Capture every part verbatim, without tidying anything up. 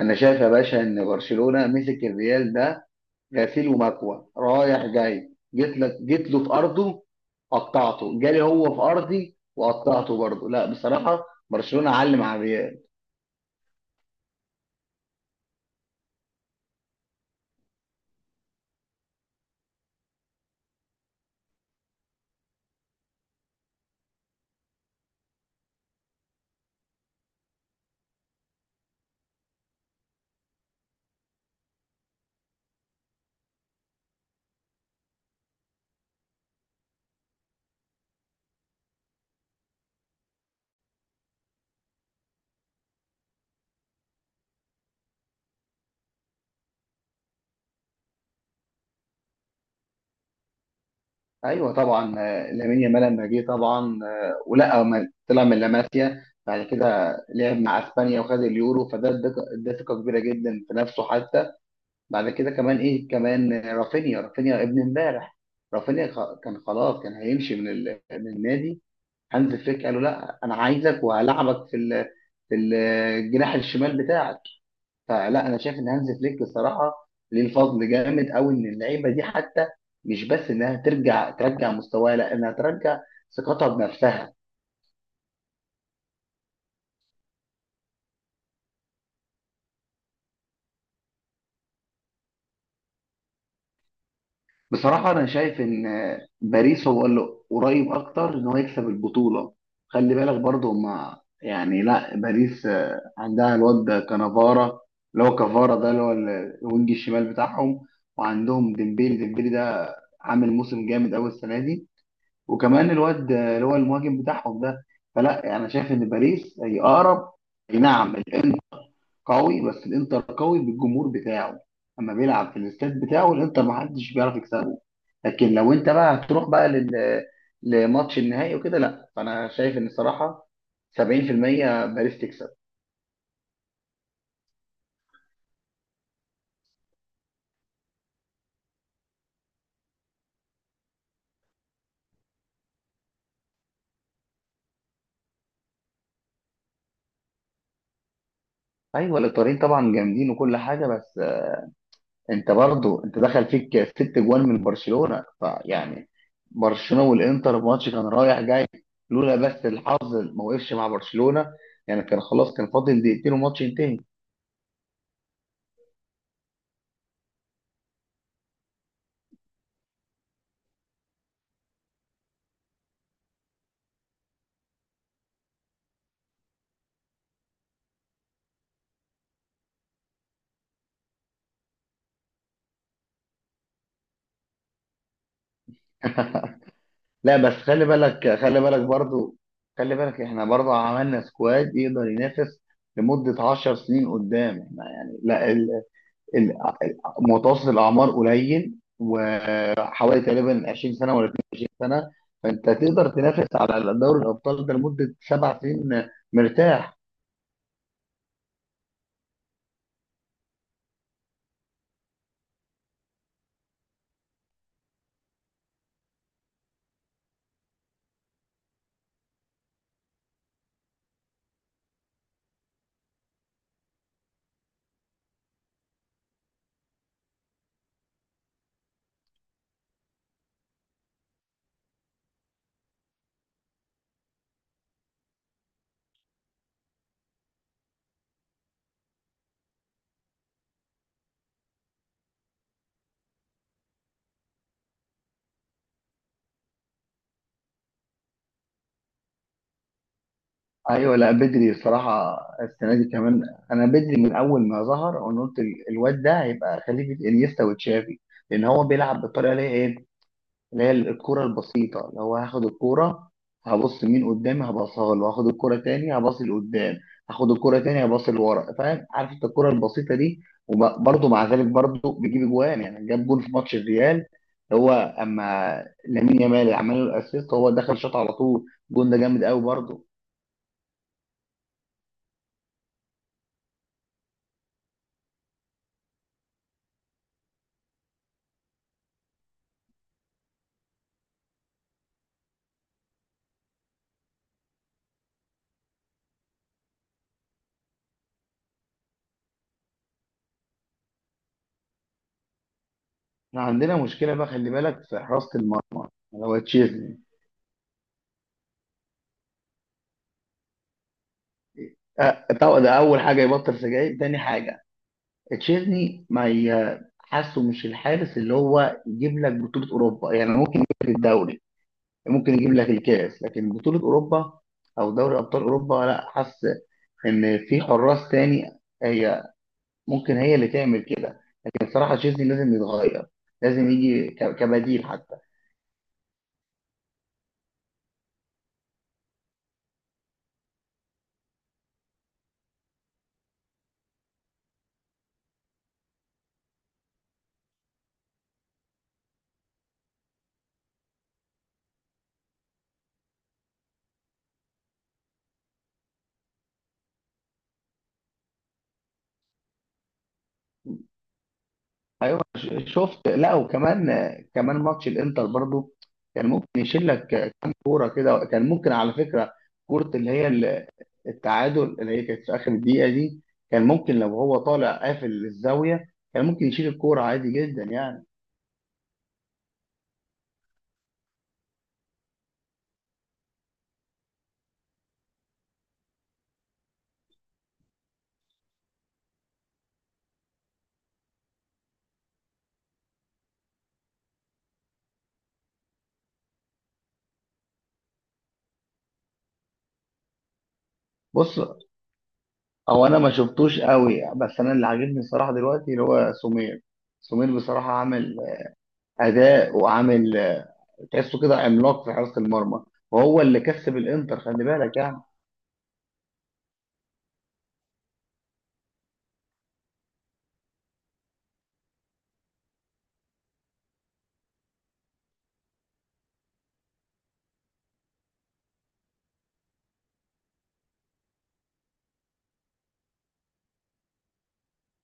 انا شايف يا باشا ان برشلونه مسك الريال ده غسيل ومكوى رايح جاي، جيت لك جيت له في ارضه قطعته، جالي هو في ارضي وقطعته برضه. لا بصراحه برشلونه علم على الريال. ايوه طبعا، آه، لامين يامال لما جه طبعا، آه، ولا ما طلع من لاماسيا بعد كده لعب مع اسبانيا وخد اليورو، فده اداك- ده ثقه كبيره جدا في نفسه حتى. بعد كده كمان ايه كمان، آه، رافينيا، رافينيا ابن امبارح. رافينيا خ- كان خلاص كان هيمشي من ال- من النادي. هانز فليك قال له لا انا عايزك وهلعبك في ال- في الجناح الشمال بتاعك. فلا انا شايف ان هانز فليك الصراحه ليه الفضل جامد قوي ان اللعيبه دي حتى مش بس انها ترجع ترجع مستواها، لا انها ترجع ثقتها بنفسها. بصراحة أنا شايف إن باريس هو اللي قريب أكتر إن هو يكسب البطولة. خلي بالك برضه هما يعني، لا باريس، آه، عندها الواد ده كانافارا، اللي هو كافارا ده اللي هو ال- الوينج الشمال بتاعهم. وعندهم ديمبيلي، ديمبيلي ده عامل موسم جامد أوي السنة دي. وكمان الواد، آه، اللي هو المهاجم بتاعهم ده. فلا يعني أنا شايف إن باريس هي أقرب. أي نعم الإنتر قوي، بس الإنتر قوي بالجمهور بتاعه، أما بيلعب في الاستاد بتاعه الإنتر محدش بيعرف يكسبه. لكن لو انت بقى هتروح بقى لل... لماتش النهائي وكده، لا فانا شايف ان الصراحه سبعين في المية باريس تكسب. ايوه الايطاليين طبعا جامدين وكل حاجه، بس انت برضو انت دخل فيك ست جوان من برشلونه، فيعني برشلونه والانتر ماتش كان رايح جاي. لولا بس الحظ ما وقفش مع برشلونه، يعني كان خلاص كان فاضل دقيقتين والماتش ينتهي. لا بس خلي بالك خلي بالك برضو، خلي بالك احنا برضو عملنا سكواد يقدر ينافس لمدة 10 سنين قدام. احنا يعني لا ال... ال... متوسط الأعمار قليل، وحوالي تقريبا عشرين سنة ولا اثنين وعشرين سنة، فأنت تقدر تنافس على دوري الأبطال ده لمدة سبع سنين مرتاح. أيوه لا بدري الصراحة السنة دي كمان، أنا بدري من أول ما ظهر أنا قلت ال- الواد ده هيبقى خليفة إنيستا وتشافي، لأن هو بيلعب بالطريقة اللي هي إيه، اللي هي الكرة البسيطة. اللي هو هاخد الكرة هبص مين قدامي هبصها له، هاخد الكرة تاني هبص لقدام، هاخد الكرة تاني هبص لورا، فاهم؟ عارف انت الكرة البسيطة دي. وبرضه مع ذلك برضه بيجيب اجوان، يعني جاب جول في ماتش الريال، هو اما لامين يامال اللي عمل له الاسيست هو دخل شاط على طول. الجون ده جامد قوي برضه. احنا عندنا مشكلة بقى، خلي بالك، في حراسة المرمى اللي هو تشيزني. أه طبعا ده اول حاجة يبطل سجاير، تاني حاجة تشيزني ما ي- حاسه مش الحارس اللي هو يجيب لك بطولة أوروبا، يعني ممكن يجيب لك الدوري، ممكن يجيب لك الكاس، لكن بطولة أوروبا أو دوري أبطال أوروبا لا. حاسس إن في حراس تاني هي ممكن هي اللي تعمل كده، لكن الصراحة تشيزني لازم يتغير، لازم يجي ك- كبديل حتى. ايوه ش- شفت، لا وكمان، كمان ماتش الانتر برضو كان ممكن يشيل لك كام كوره كده، كان ممكن على فكره كوره اللي هي ال- التعادل اللي هي كانت في اخر الدقيقه دي، كان ممكن لو هو طالع قافل الزاويه كان ممكن يشيل الكوره عادي جدا يعني. بص، هو انا ما شفتوش قوي، بس انا اللي عاجبني الصراحه دلوقتي اللي هو سمير. سمير بصراحه عامل اداء وعامل، تحسه كده عملاق في حراسه المرمى، وهو اللي كسب الانتر، خلي بالك يعني.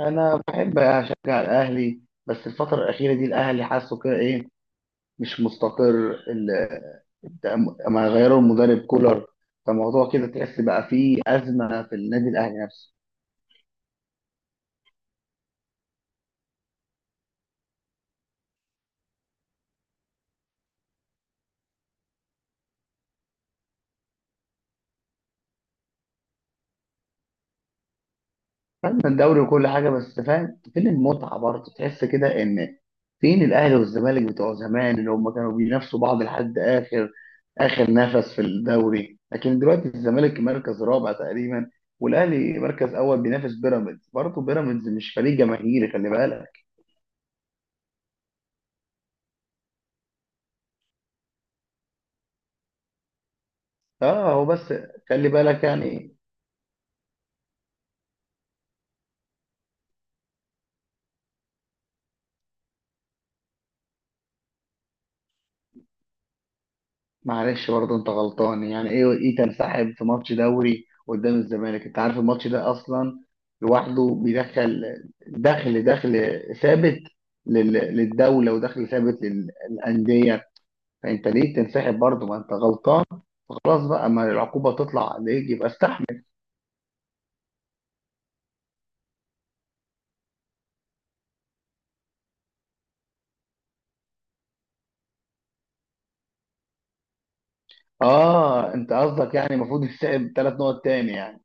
انا بحب اشجع الاهلي، بس الفتره الاخيره دي الاهلي حاسه كده ايه، مش مستقر. ال- ما غيروا المدرب كولر، فالموضوع كده تحس بقى فيه ازمه في النادي الاهلي نفسه. فاهم الدوري وكل حاجه، بس فاهم فين المتعه برضه؟ تحس كده ان فين الاهلي والزمالك بتوع زمان اللي هم كانوا بينافسوا بعض لحد اخر اخر نفس في الدوري، لكن دلوقتي الزمالك مركز رابع تقريبا، والاهلي مركز اول بينافس بيراميدز، برضه بيراميدز مش فريق جماهيري خلي بالك. اه هو بس خلي بالك يعني. معلش برضه انت غلطان، يعني ايه، ايه تنسحب في ماتش دوري قدام الزمالك؟ انت عارف الماتش ده اصلا لوحده بيدخل، دخل دخل ثابت لل- للدوله ودخل ثابت للانديه. فانت ليه تنسحب برضه؟ ما انت غلطان، خلاص بقى، ما العقوبه تطلع عليك يبقى استحمل. اه انت قصدك يعني المفروض تنسحب ثلاث نقط تاني يعني.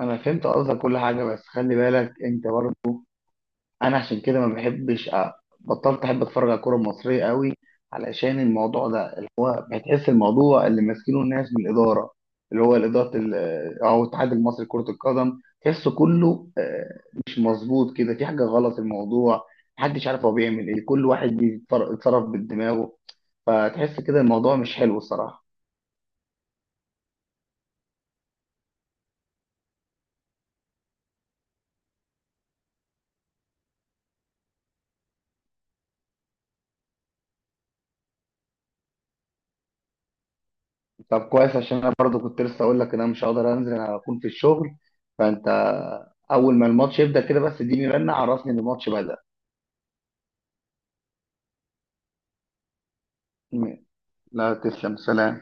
انا فهمت قصدك كل حاجه، بس خلي بالك انت برضه، انا عشان كده ما بحبش أ- بطلت احب اتفرج على الكوره المصريه قوي علشان الموضوع ده. هتحس الموضوع اللي ماسكينه الناس من الاداره، اللي هو الاداره ال- او الاتحاد المصري لكره القدم، تحسه كله آه، مش مظبوط، كده في حاجه غلط في الموضوع. محدش عارف هو بيعمل ايه، كل واحد بيتصر- يتصرف بدماغه، فتحس كده الموضوع مش حلو الصراحه. طب كويس، عشان انا برضو كنت لسه اقول لك ان انا مش هقدر انزل، انا هكون في الشغل. فانت اول ما الماتش يبدا كده بس اديني رنه عرفني ان الماتش بدا. لا تسلم، سلام.